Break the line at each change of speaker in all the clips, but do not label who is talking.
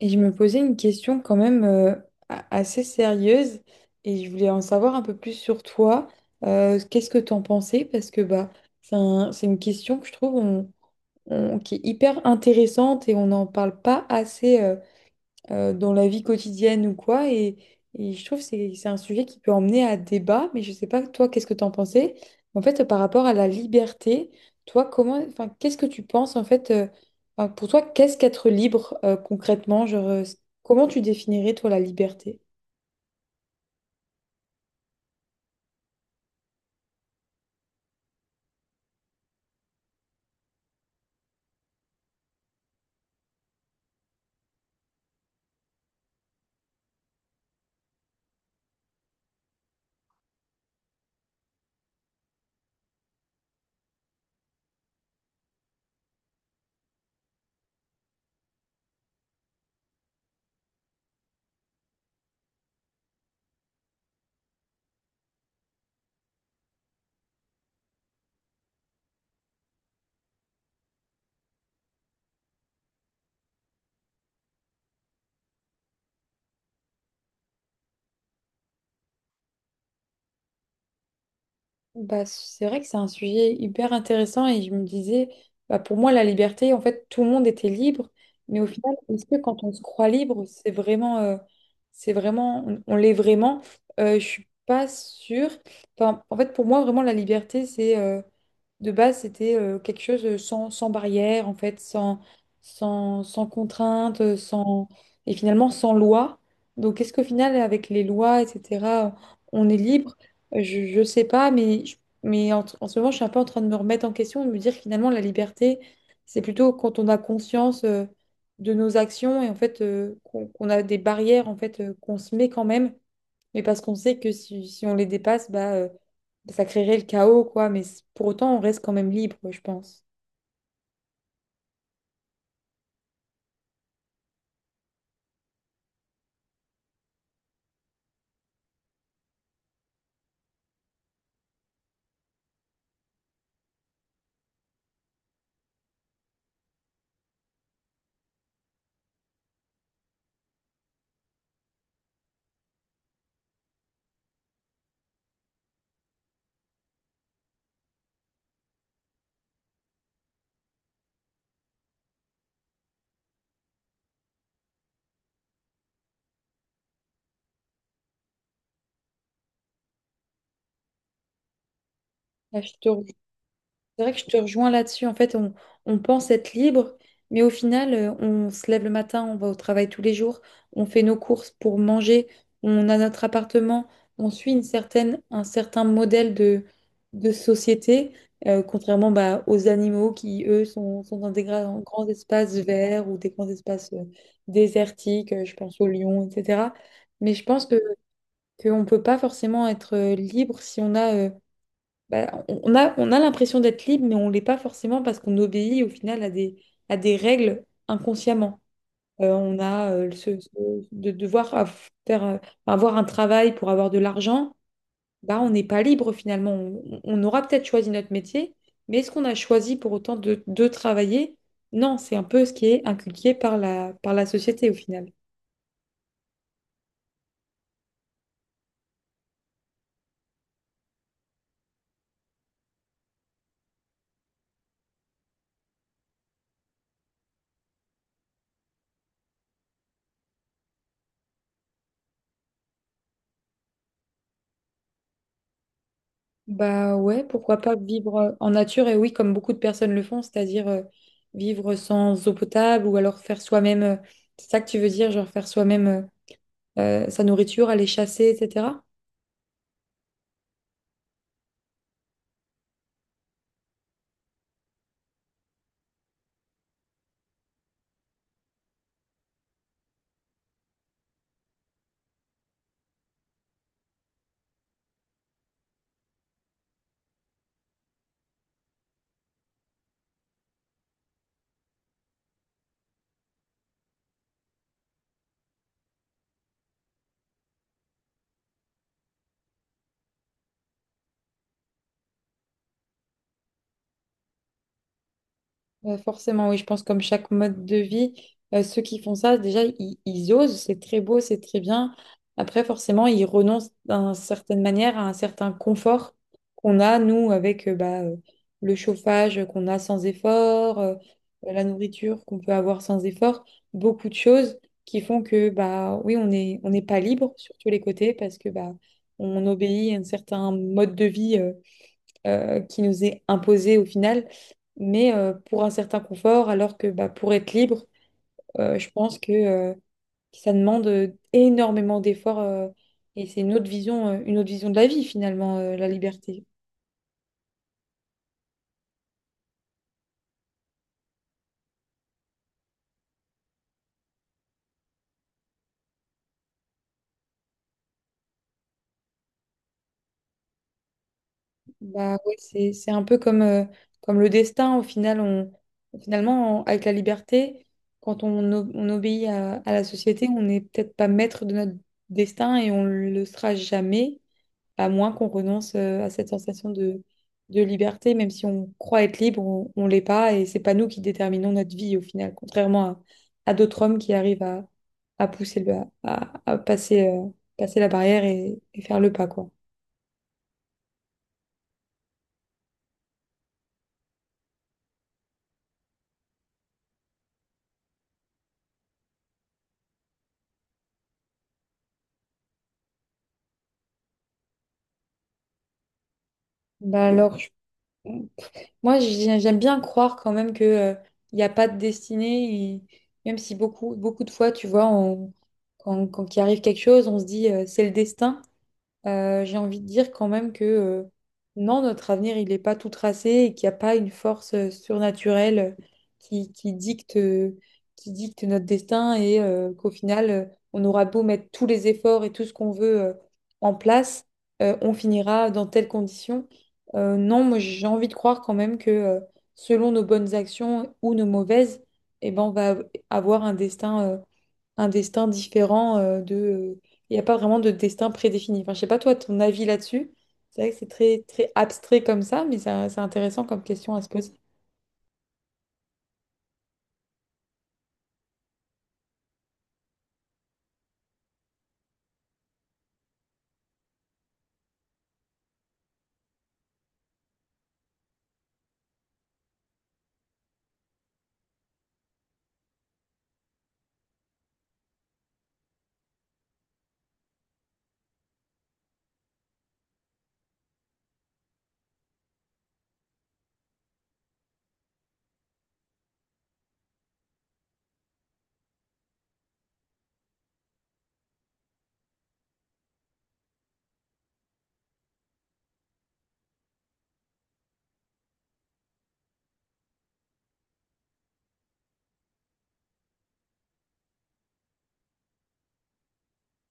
Et je me posais une question quand même assez sérieuse et je voulais en savoir un peu plus sur toi. Qu'est-ce que tu en pensais? Parce que bah, c'est une question que je trouve qui est hyper intéressante et on n'en parle pas assez dans la vie quotidienne ou quoi. Et je trouve que c'est un sujet qui peut emmener à débat, mais je sais pas, toi, qu'est-ce que tu en pensais? En fait, par rapport à la liberté, toi, comment, enfin, qu'est-ce que tu penses, en fait, enfin, pour toi, qu'est-ce qu'être libre concrètement? Genre, comment tu définirais, toi, la liberté? Bah, c'est vrai que c'est un sujet hyper intéressant et je me disais, bah, pour moi, la liberté, en fait, tout le monde était libre, mais au final, est-ce que quand on se croit libre, c'est vraiment, on l'est vraiment? Je suis pas sûre. Enfin, en fait, pour moi, vraiment, la liberté, c'est de base, c'était quelque chose sans barrière, en fait, sans contrainte, sans, et finalement sans loi. Donc, est-ce qu'au final, avec les lois, etc., on est libre? Je sais pas, mais en ce moment, je suis un peu en train de me remettre en question et de me dire finalement, la liberté, c'est plutôt quand on a conscience de nos actions et en fait qu'on a des barrières en fait qu'on se met quand même, mais parce qu'on sait que si on les dépasse, bah, ça créerait le chaos, quoi. Mais pour autant, on reste quand même libre, je pense. Ah, Je te C'est vrai que je te rejoins là-dessus. En fait, on pense être libre, mais au final, on se lève le matin, on va au travail tous les jours, on fait nos courses pour manger, on a notre appartement, on suit un certain modèle de société, contrairement bah, aux animaux qui, eux, sont dans des grands espaces verts ou des grands espaces désertiques, je pense aux lions, etc. Mais je pense que qu'on ne peut pas forcément être libre si on a... bah, on a l'impression d'être libre, mais on l'est pas forcément parce qu'on obéit au final à des règles inconsciemment. On a de faire, avoir un travail pour avoir de l'argent, bah, on n'est pas libre finalement. On aura peut-être choisi notre métier, mais est-ce qu'on a choisi pour autant de travailler? Non, c'est un peu ce qui est inculqué par par la société au final. Bah ouais, pourquoi pas vivre en nature et oui, comme beaucoup de personnes le font, c'est-à-dire vivre sans eau potable ou alors faire soi-même, c'est ça que tu veux dire, genre faire soi-même sa nourriture, aller chasser, etc. Forcément, oui, je pense comme chaque mode de vie, ceux qui font ça, déjà, ils osent, c'est très beau, c'est très bien. Après, forcément, ils renoncent d'une certaine manière à un certain confort qu'on a, nous, avec le chauffage qu'on a sans effort, la nourriture qu'on peut avoir sans effort, beaucoup de choses qui font que, bah, oui, on n'est pas libre sur tous les côtés parce que bah, on obéit à un certain mode de vie qui nous est imposée au final, mais pour un certain confort, alors que bah, pour être libre, je pense que ça demande énormément d'efforts et c'est une autre vision de la vie finalement, la liberté. Bah, ouais, c'est un peu comme, comme le destin, au final, finalement, avec la liberté, quand on obéit à la société, on n'est peut-être pas maître de notre destin et on le sera jamais. À moins qu'on renonce à cette sensation de liberté, même si on croit être libre, on l'est pas, et c'est pas nous qui déterminons notre vie au final, contrairement à d'autres hommes qui arrivent à pousser à passer, passer la barrière et faire le pas, quoi. Bah alors, j'aime bien croire quand même que il n'y a pas de destinée, et même si beaucoup de fois, tu vois, quand il arrive quelque chose, on se dit c'est le destin. J'ai envie de dire quand même que non, notre avenir, il n'est pas tout tracé et qu'il n'y a pas une force surnaturelle qui, qui dicte, euh, qui dicte notre destin et qu'au final, on aura beau mettre tous les efforts et tout ce qu'on veut en place, on finira dans telles conditions. Non, moi, j'ai envie de croire quand même que selon nos bonnes actions ou nos mauvaises, eh ben, on va avoir un destin. Un destin différent il n'y a pas vraiment de destin prédéfini. Enfin, je sais pas toi, ton avis là-dessus. C'est vrai que c'est très, très abstrait comme ça, mais c'est intéressant comme question à se poser.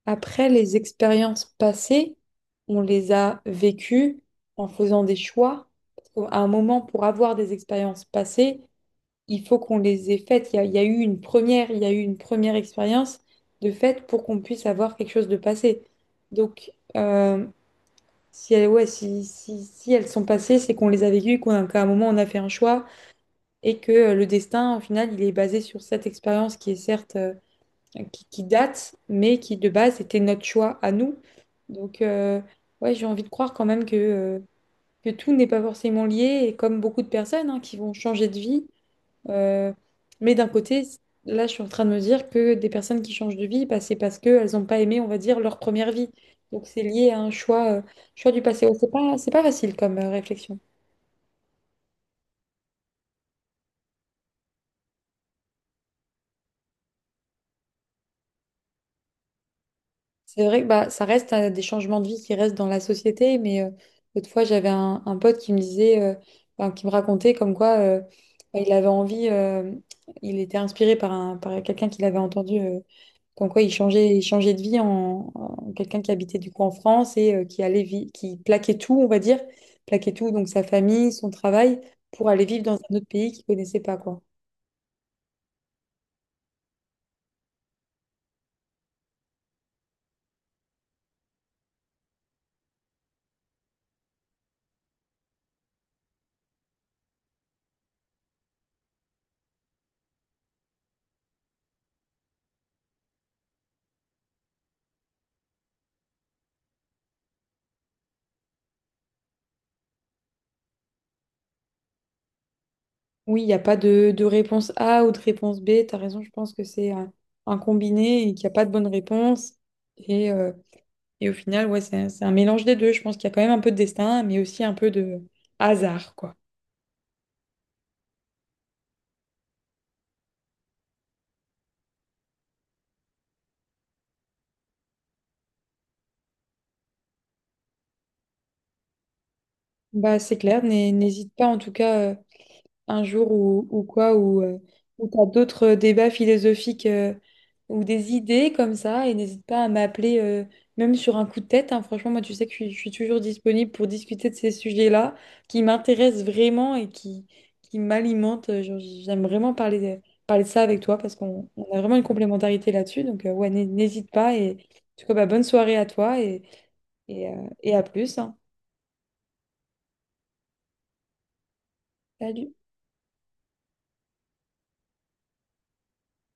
Après, les expériences passées, on les a vécues en faisant des choix. Parce qu'à un moment, pour avoir des expériences passées, il faut qu'on les ait faites. Il y a eu une première, il y a eu une première expérience de fait pour qu'on puisse avoir quelque chose de passé. Donc, euh, si si elles sont passées, c'est qu'on les a vécues, qu'à un moment on a fait un choix et que le destin, au final, il est basé sur cette expérience qui est certes, qui date, mais qui de base était notre choix à nous. Donc, ouais, j'ai envie de croire quand même que tout n'est pas forcément lié et comme beaucoup de personnes hein, qui vont changer de vie, euh, mais d'un côté, là, je suis en train de me dire que des personnes qui changent de vie, bah, c'est parce qu'elles n'ont pas aimé, on va dire, leur première vie. Donc c'est lié à un choix, choix du passé. Ouais, c'est pas facile comme réflexion. C'est vrai que bah, ça reste des changements de vie qui restent dans la société, mais l'autre fois, j'avais un pote qui me disait, enfin, qui me racontait comme quoi bah, il avait envie, il était inspiré par, par quelqu'un qu'il avait entendu, comme quoi il changeait de vie en quelqu'un qui habitait du coup en France et qui qui plaquait tout, on va dire, plaquait tout, donc sa famille, son travail, pour aller vivre dans un autre pays qu'il connaissait pas, quoi. Oui, il n'y a pas de, de réponse A ou de réponse B. Tu as raison, je pense que c'est un combiné et qu'il n'y a pas de bonne réponse. Et, euh, et au final, ouais, c'est un mélange des deux. Je pense qu'il y a quand même un peu de destin, mais aussi un peu de hasard, quoi. Bah, c'est clair, n'hésite pas en tout cas. Un jour ou quoi, ou t'as d'autres débats philosophiques ou des idées comme ça, et n'hésite pas à m'appeler, même sur un coup de tête, hein. Franchement, moi, tu sais que je suis toujours disponible pour discuter de ces sujets-là qui m'intéressent vraiment et qui m'alimentent. J'aime vraiment parler de ça avec toi parce qu'on on a vraiment une complémentarité là-dessus. Donc, ouais, n'hésite pas. Et en tout cas, bah, bonne soirée à toi et à plus, hein. Salut.